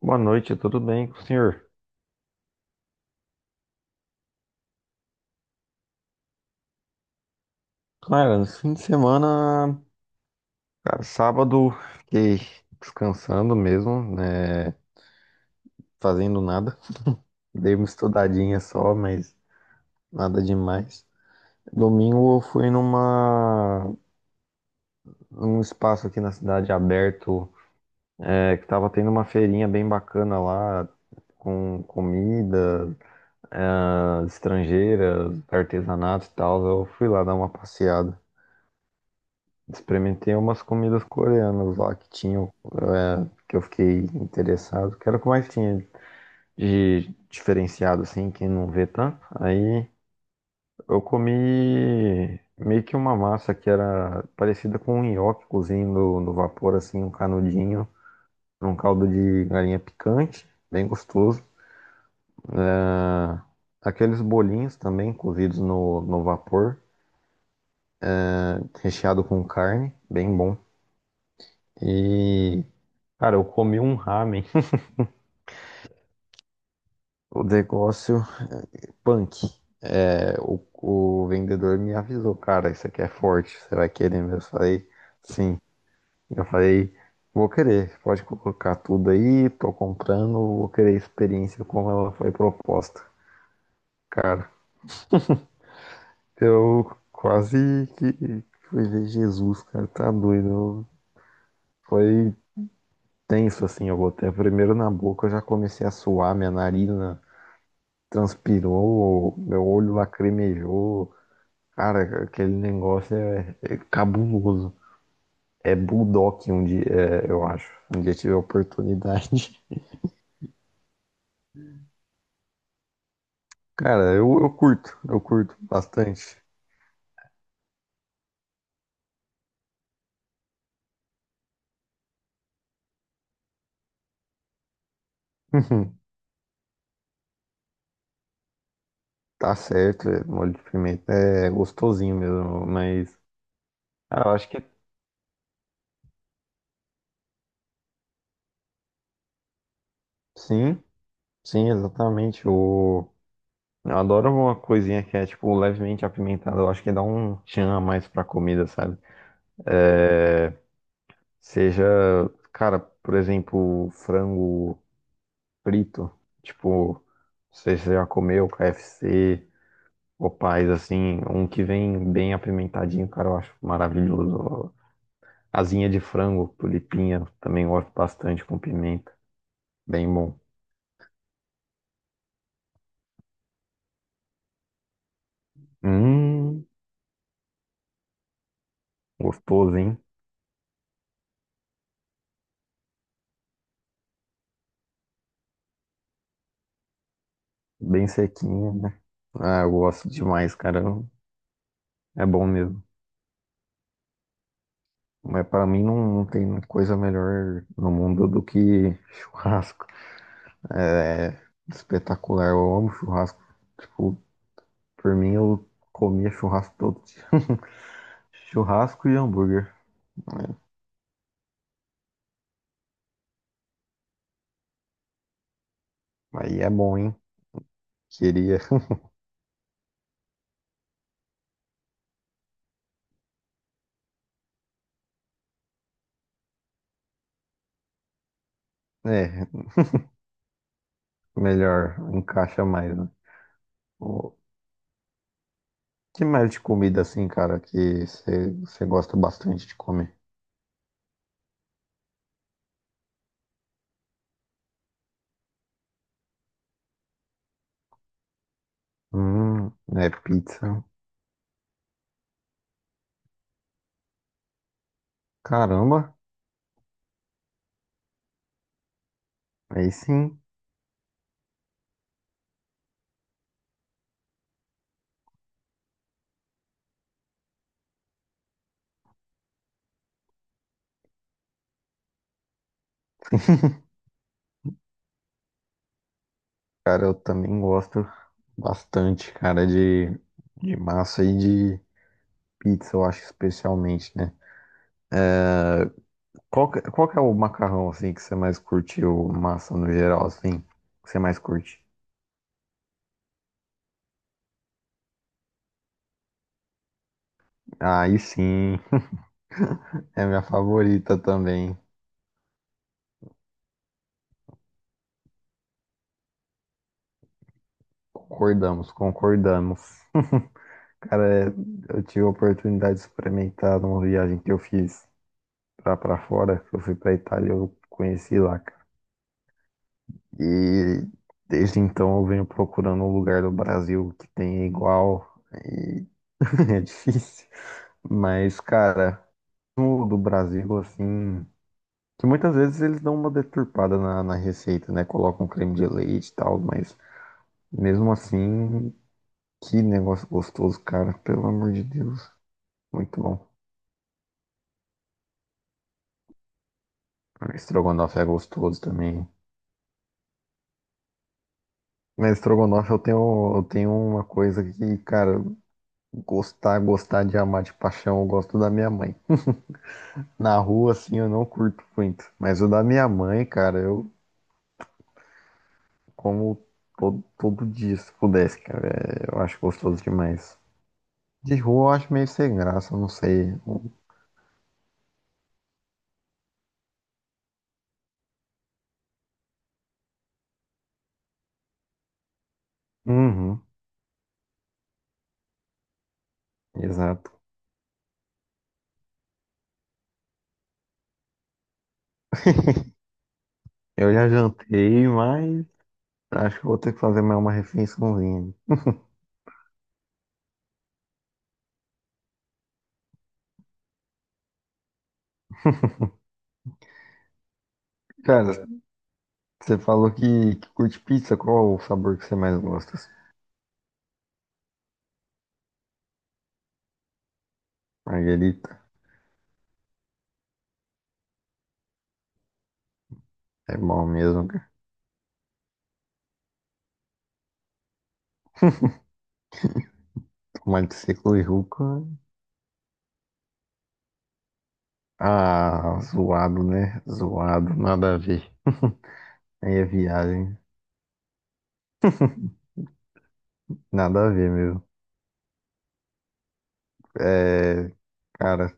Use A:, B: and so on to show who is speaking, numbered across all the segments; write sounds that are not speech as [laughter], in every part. A: Boa noite, tudo bem com o senhor? Cara, no fim de semana, cara, sábado, fiquei descansando mesmo, né? Fazendo nada. Dei uma estudadinha só, mas nada demais. Domingo eu fui numa, num espaço aqui na cidade aberto, que tava tendo uma feirinha bem bacana lá, com comida, ah, estrangeira, artesanato e tal. Eu fui lá dar uma passeada. Experimentei umas comidas coreanas lá que tinham, que eu fiquei interessado, que era o que mais tinha de diferenciado, assim, quem não vê tanto. Aí eu comi meio que uma massa que era parecida com um nhoque cozido no vapor, assim, um canudinho, num caldo de galinha picante, bem gostoso. Ah, aqueles bolinhos também cozidos no vapor, recheado com carne, bem bom. E, cara, eu comi um ramen. O negócio punk. É, o vendedor me avisou, cara, isso aqui é forte, você vai querer mesmo? Eu falei, sim. Eu falei, vou querer, pode colocar tudo aí, tô comprando, vou querer a experiência como ela foi proposta. Cara, eu quase que fui ver Jesus, cara, tá doido. Foi tenso assim, eu botei primeiro na boca, eu já comecei a suar, minha narina transpirou, meu olho lacrimejou. Cara, aquele negócio é cabuloso. É Bulldog um dia, é, eu acho. Um dia tiver oportunidade. [laughs] Cara, eu curto, eu curto bastante. [laughs] Tá certo, é, molho de pimenta é gostosinho mesmo, mas ah, eu acho que é, sim, sim, exatamente. O, eu adoro uma coisinha que é tipo levemente apimentada. Eu acho que dá um tchan a mais pra comida, sabe? Seja, cara, por exemplo, frango frito. Tipo, não sei se você já comeu KFC, Popeyes, assim, um que vem bem apimentadinho, cara, eu acho maravilhoso. Asinha de frango, tulipinha, também gosto bastante com pimenta. Bem bom. Hum, gostoso, hein? Bem sequinho, né? Ah, eu gosto demais, cara. É bom mesmo. Mas pra mim não, não tem coisa melhor no mundo do que [laughs] churrasco. É espetacular. Eu amo churrasco. Tipo, por mim, eu comia churrasco todo dia. [laughs] Churrasco e hambúrguer. Aí é bom, hein? Queria. [laughs] É, melhor, encaixa mais, né? O que mais de comida assim, cara, que você gosta bastante de comer? Hum, é pizza. Caramba, aí sim. [laughs] Cara, eu também gosto bastante, cara, de massa e de pizza, eu acho especialmente, né? Qual que é o macarrão, assim, que você mais curtiu? Massa no geral, assim, que você mais curte? Aí sim, [laughs] é minha favorita também. Concordamos, concordamos. Cara, é, eu tive a oportunidade de experimentar numa viagem que eu fiz pra fora, que eu fui pra Itália, eu conheci lá, cara. E desde então eu venho procurando um lugar do Brasil que tenha igual, e [laughs] é difícil. Mas, cara, no do Brasil, assim. Que muitas vezes eles dão uma deturpada na receita, né? Colocam creme de leite e tal, mas mesmo assim, que negócio gostoso, cara. Pelo amor de Deus, muito bom. Estrogonofe é gostoso também. Mas estrogonofe eu tenho uma coisa que, cara, gostar, gostar de amar de paixão, eu gosto da minha mãe. Na rua, assim, eu não curto muito. Mas o da minha mãe, cara, eu como todo, todo dia, se pudesse, cara. É, eu acho gostoso demais. De rua eu acho meio sem graça, não sei. Uhum, exato. Eu já jantei, mas acho que vou ter que fazer mais uma refeiçãozinha. Cara, você falou que curte pizza, qual o sabor que você mais gosta? Marguerita, é bom mesmo, cara. [laughs] Tomate seco e rúcula. Ah, zoado, né? Zoado, nada a ver. [laughs] Aí é viagem, nada a ver mesmo. É, cara,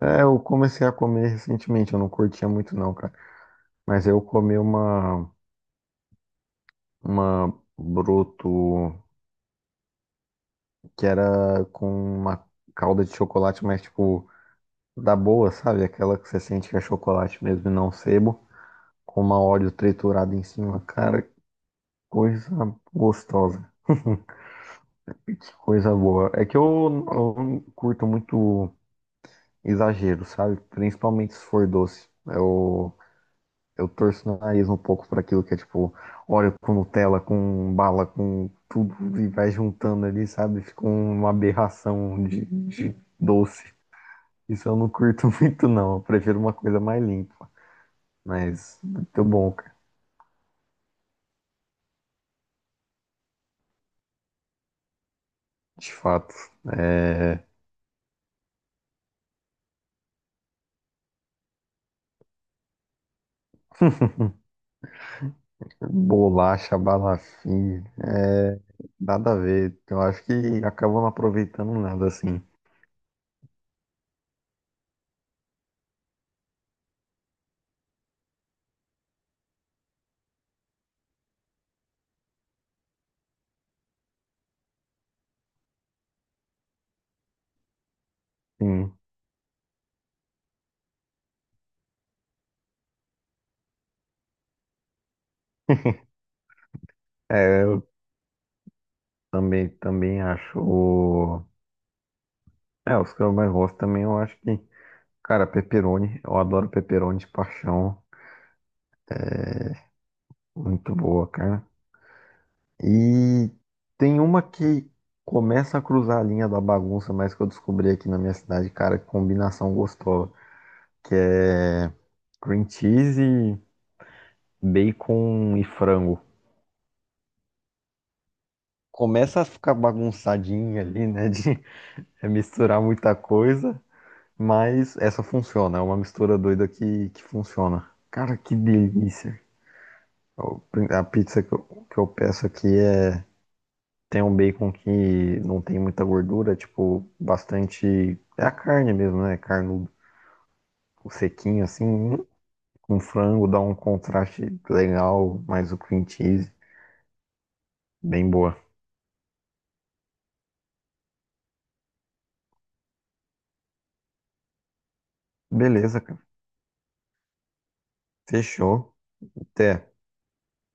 A: é, eu comecei a comer recentemente, eu não curtia muito não, cara. Mas eu comi uma broto. Que era com uma calda de chocolate, mas tipo, da boa, sabe? Aquela que você sente que é chocolate mesmo e não sebo, com uma óleo triturada em cima. Cara, que coisa gostosa. [laughs] Coisa boa. É que eu não curto muito exagero, sabe? Principalmente se for doce. Eu torço o nariz um pouco para aquilo que é tipo óleo com Nutella, com bala, com tudo e vai juntando ali, sabe? Fica uma aberração de doce. Isso eu não curto [laughs] muito, não. Eu prefiro uma coisa mais limpa. Mas muito bom, cara. De fato. É... Bolacha, balafim. É... Nada a ver. Eu acho que acabam não aproveitando nada assim. Sim. [laughs] É, eu também acho. É, os que eu mais gosto também, eu acho que. Cara, pepperoni. Eu adoro pepperoni de paixão. Muito boa, cara. E tem uma que começa a cruzar a linha da bagunça, mas que eu descobri aqui na minha cidade, cara, que combinação gostosa, que é cream cheese, bacon e frango. Começa a ficar bagunçadinha ali, né, de [laughs] misturar muita coisa, mas essa funciona, é uma mistura doida que funciona. Cara, que delícia. A pizza que eu peço aqui é. Tem um bacon que não tem muita gordura, tipo, bastante. É a carne mesmo, né? Carne sequinha, assim. Hum, com frango dá um contraste legal, mais o cream cheese. Bem boa. Beleza, cara. Fechou. Até.